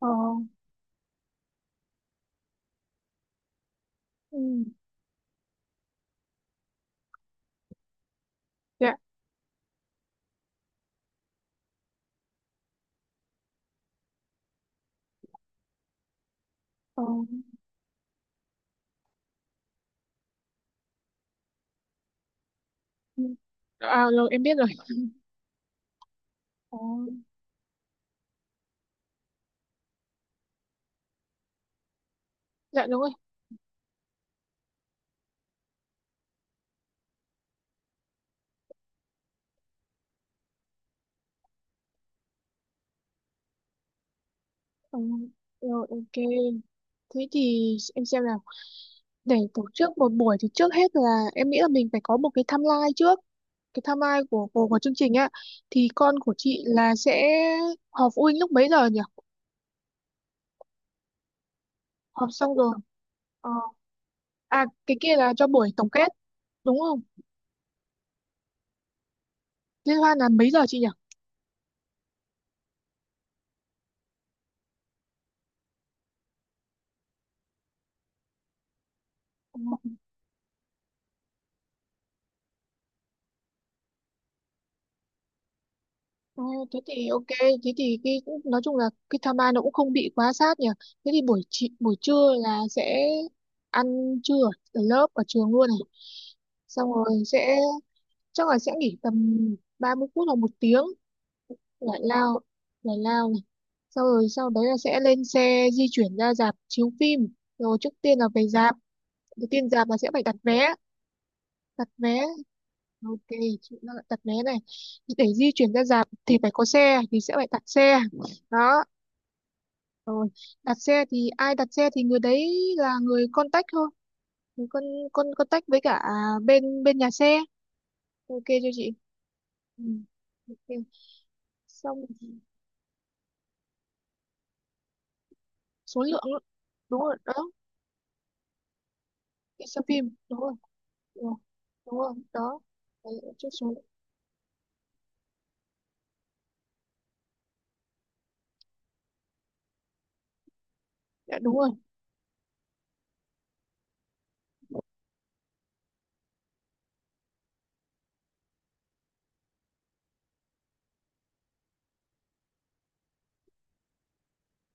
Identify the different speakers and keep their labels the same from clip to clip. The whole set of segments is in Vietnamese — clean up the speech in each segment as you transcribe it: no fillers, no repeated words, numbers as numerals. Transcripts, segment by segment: Speaker 1: Ờ, ừ, dạ, ờ, ừ. À, rồi em biết rồi. Ờ, dạ đúng rồi. Ờ, rồi, ok. Thế thì em xem nào. Để tổ chức một buổi thì trước hết là em nghĩ là mình phải có một cái timeline trước. Cái timeline của chương trình á. Thì con của chị là sẽ họp phụ huynh lúc mấy giờ nhỉ? Họp xong rồi. Ờ, à, cái kia là cho buổi tổng kết, đúng không? Liên hoan là mấy giờ chị nhỉ? Ồ, thế thì ok, thế thì cái nói chung là cái tham nó cũng không bị quá sát nhỉ. Thế thì buổi chị, buổi trưa là sẽ ăn trưa ở ở lớp ở trường luôn này. Xong rồi sẽ chắc là sẽ nghỉ tầm 30 phút hoặc 1 tiếng giải lao, giải lao này. Xong rồi sau đấy là sẽ lên xe di chuyển ra rạp chiếu phim. Rồi trước tiên là về rạp, đầu tiên rạp là sẽ phải đặt vé, đặt vé. Ok, chị nó là đặt vé này. Để di chuyển ra rạp thì phải có xe thì sẽ phải đặt xe đó. Rồi, đặt xe thì ai đặt xe thì người đấy là người contact thôi. Người con contact với cả bên bên nhà xe. Ok cho chị. Ừ. Ok. Xong số lượng nữa. Đúng rồi đó, cái xem phim đúng rồi, đúng rồi, đúng rồi. Đó. Đấy, chốt số lượng. Dạ, đúng rồi.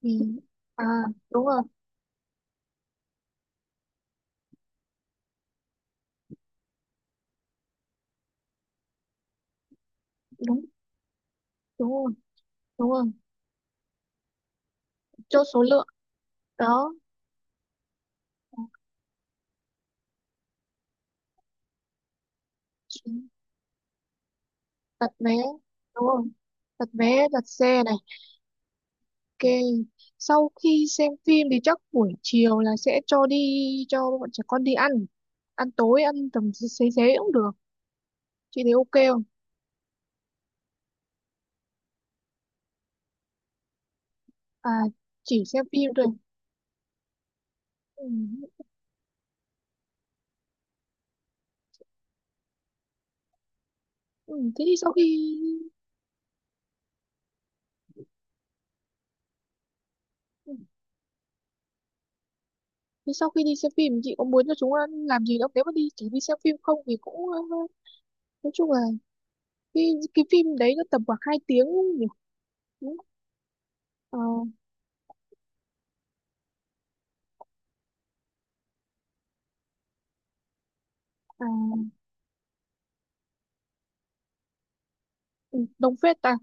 Speaker 1: Ừ, à, đúng rồi, đúng đúng rồi, đúng rồi. Chốt số lượng, đó. Đặt vé, đúng rồi, đặt vé, đặt xe này. Ok, sau khi xem phim thì chắc buổi chiều là sẽ cho đi, cho bọn trẻ con đi ăn. Ăn tối, ăn tầm xế xế xế cũng được. Chị thấy ok không? À, chỉ xem phim thôi. Ừ. Ừ. Ừ. Ừ, thế sau khi đi xem phim chị có muốn cho chúng ăn làm gì không? Nếu mà đi chỉ đi xem phim không thì cũng nói chung là cái phim đấy nó tầm khoảng 2 tiếng nhỉ? Đúng không? Ờ, à, ừ, đồng phết ta.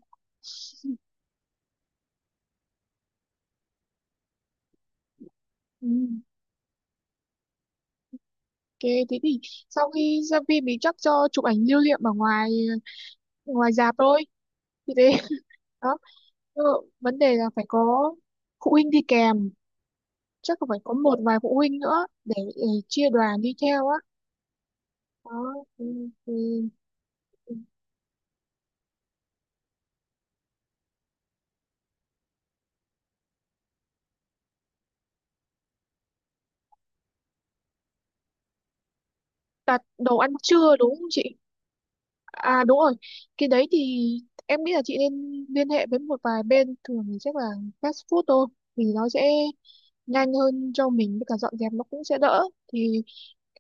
Speaker 1: Ừ. Ok, thế thì sau khi ra phim thì chắc cho chụp ảnh lưu niệm ở ngoài ngoài rạp thôi. Thì thế đó. Ờ, vấn đề là phải có phụ huynh đi kèm, chắc là phải có một vài phụ huynh nữa để chia đoàn đi theo á. Đó. Ừ, ừ. Đặt đồ ăn trưa đúng không chị? À đúng rồi. Cái đấy thì em nghĩ là chị nên liên hệ với một vài bên, thường thì chắc là fast food thôi, thì nó sẽ nhanh hơn cho mình với cả dọn dẹp nó cũng sẽ đỡ. Thì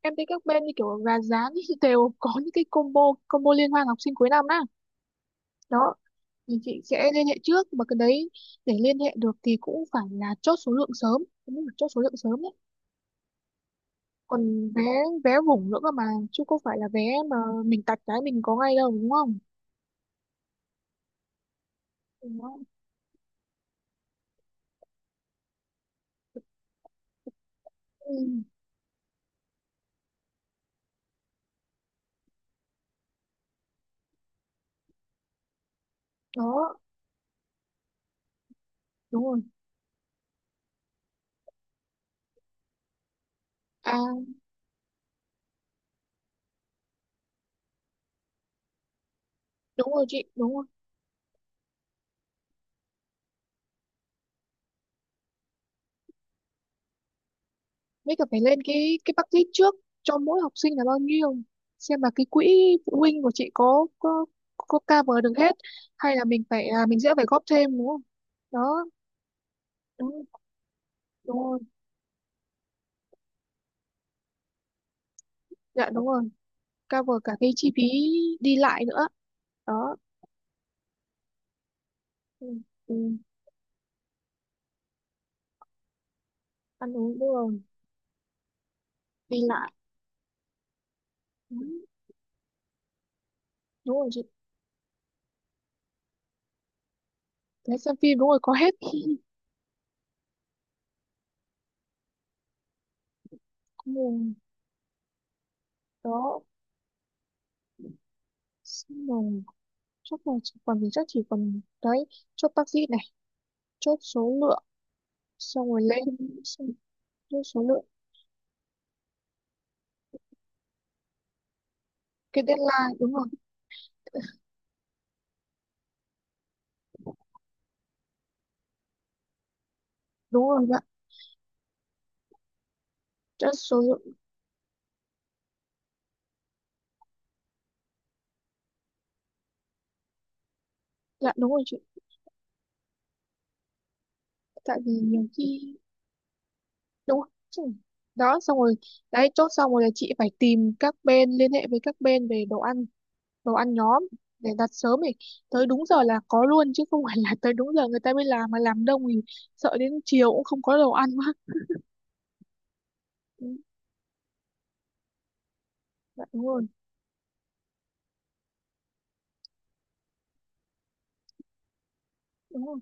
Speaker 1: em thấy các bên như kiểu gà rán ý, đều có những cái combo, combo liên hoan học sinh cuối năm á. Đó, thì chị sẽ liên hệ trước mà cái đấy, để liên hệ được thì cũng phải là chốt số lượng sớm, cũng phải chốt số lượng sớm ấy. Còn vé vé vùng nữa cơ mà, chứ không phải là vé mà mình tạch cái mình có ngay đâu, đúng không, đúng không? Ừ. Đó, đúng rồi, à đúng rồi chị, đúng rồi. Mấy cả phải lên cái budget trước cho mỗi học sinh là bao nhiêu, xem là cái quỹ phụ huynh của chị có cover được hết hay là mình phải, à, sẽ phải góp thêm, đúng không? Đó, đúng đúng rồi, dạ đúng rồi. Cover cả cái chi phí đi lại nữa, đó. Ừ, ừ. Ăn uống đúng rồi, đi lại đúng, đúng rồi chị, thế xem phim đúng rồi, có hết. Ừ. Đó. Xong rồi chắc là chỉ còn đấy, chốt taxi này, chốt số lượng, xong rồi lên, xong, trên số lượng. Cái deadline đúng rồi, đúng rồi, dạ, trên số lượng, dạ đúng rồi chị. Tại vì nhiều khi đúng rồi. Chứ. Đó, xong rồi đấy. Chốt xong rồi là chị phải tìm các bên, liên hệ với các bên về đồ ăn, đồ ăn nhóm, để đặt sớm thì tới đúng giờ là có luôn, chứ không phải là tới đúng giờ người ta mới làm mà làm đông thì sợ đến chiều cũng không có đồ ăn quá. Ừ, dạ đúng rồi, đúng rồi.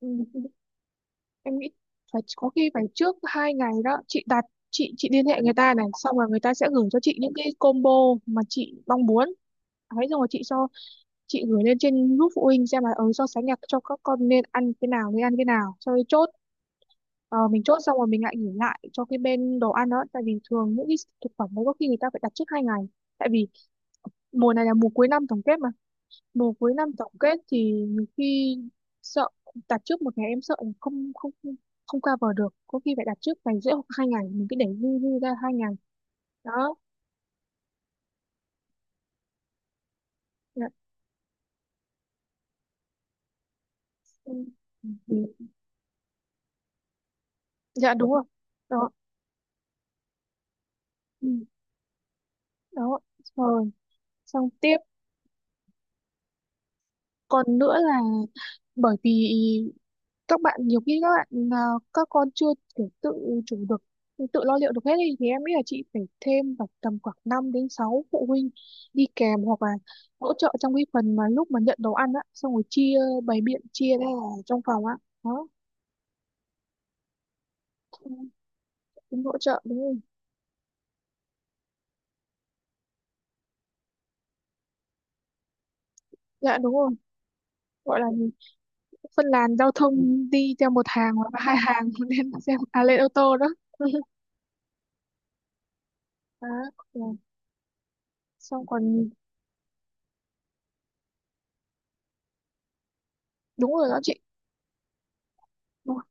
Speaker 1: Ừ. Ừ. Em nghĩ phải có khi phải trước 2 ngày đó chị, đặt. Chị liên hệ người ta này, xong rồi người ta sẽ gửi cho chị những cái combo mà chị mong muốn ấy. Xong rồi chị gửi lên trên group phụ huynh xem là, so sánh là cho các con nên ăn cái nào, nên ăn cái nào, cho nên chốt. Ờ, mình chốt xong rồi mình lại gửi lại cho cái bên đồ ăn đó, tại vì thường những cái thực phẩm đấy có khi người ta phải đặt trước 2 ngày. Tại vì mùa này là mùa cuối năm tổng kết mà, mùa cuối năm tổng kết thì nhiều khi sợ, đặt trước 1 ngày em sợ là không không không không cover được, có khi phải đặt trước ngày rưỡi hoặc 2 ngày, mình cứ để dư, dư ra 2 ngày. Đó. Dạ, ừ, ừ, dạ đúng rồi. Đó. Ừ. Đó, rồi, xong tiếp. Còn nữa là, bởi vì các bạn, nhiều khi à, các con chưa kiểu tự chủ được, tự lo liệu được hết ý, thì em nghĩ là chị phải thêm vào tầm khoảng 5 đến 6 phụ huynh đi kèm hoặc là hỗ trợ trong cái phần mà lúc mà nhận đồ ăn á, xong rồi chia, bày biện chia ra ở trong phòng á. Đó, cũng hỗ trợ đúng không? Dạ đúng rồi. Gọi là gì? Phân làn giao thông đi theo một hàng hoặc là hai hàng, lên ô tô đó. Đó. Ừ. Xong còn đúng rồi đó chị, đúng rồi.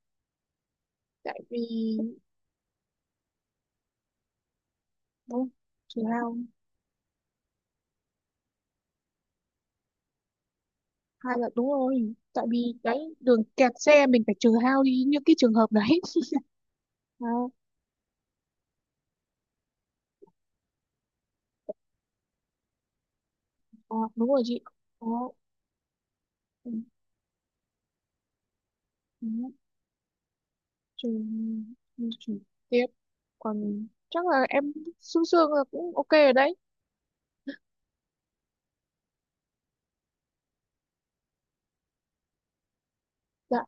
Speaker 1: Tại vì đúng rồi. Chị Hao, hai là đúng rồi, tại vì đấy đường kẹt xe mình phải trừ hao đi như cái trường hợp đấy. À, à, đúng rồi chị. Có, ừ, ừ, trừ trừ tiếp. Còn chắc là em xương xương là cũng ok rồi đấy. Dạ.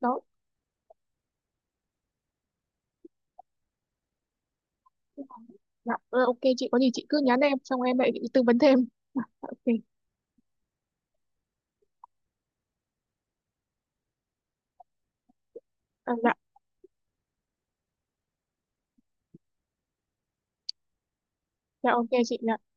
Speaker 1: Đó. Dạ, ờ, ok chị, có gì chị cứ nhắn em, xong em lại tư vấn thêm. Ok. À, dạ. Dạ ok chị. Dạ.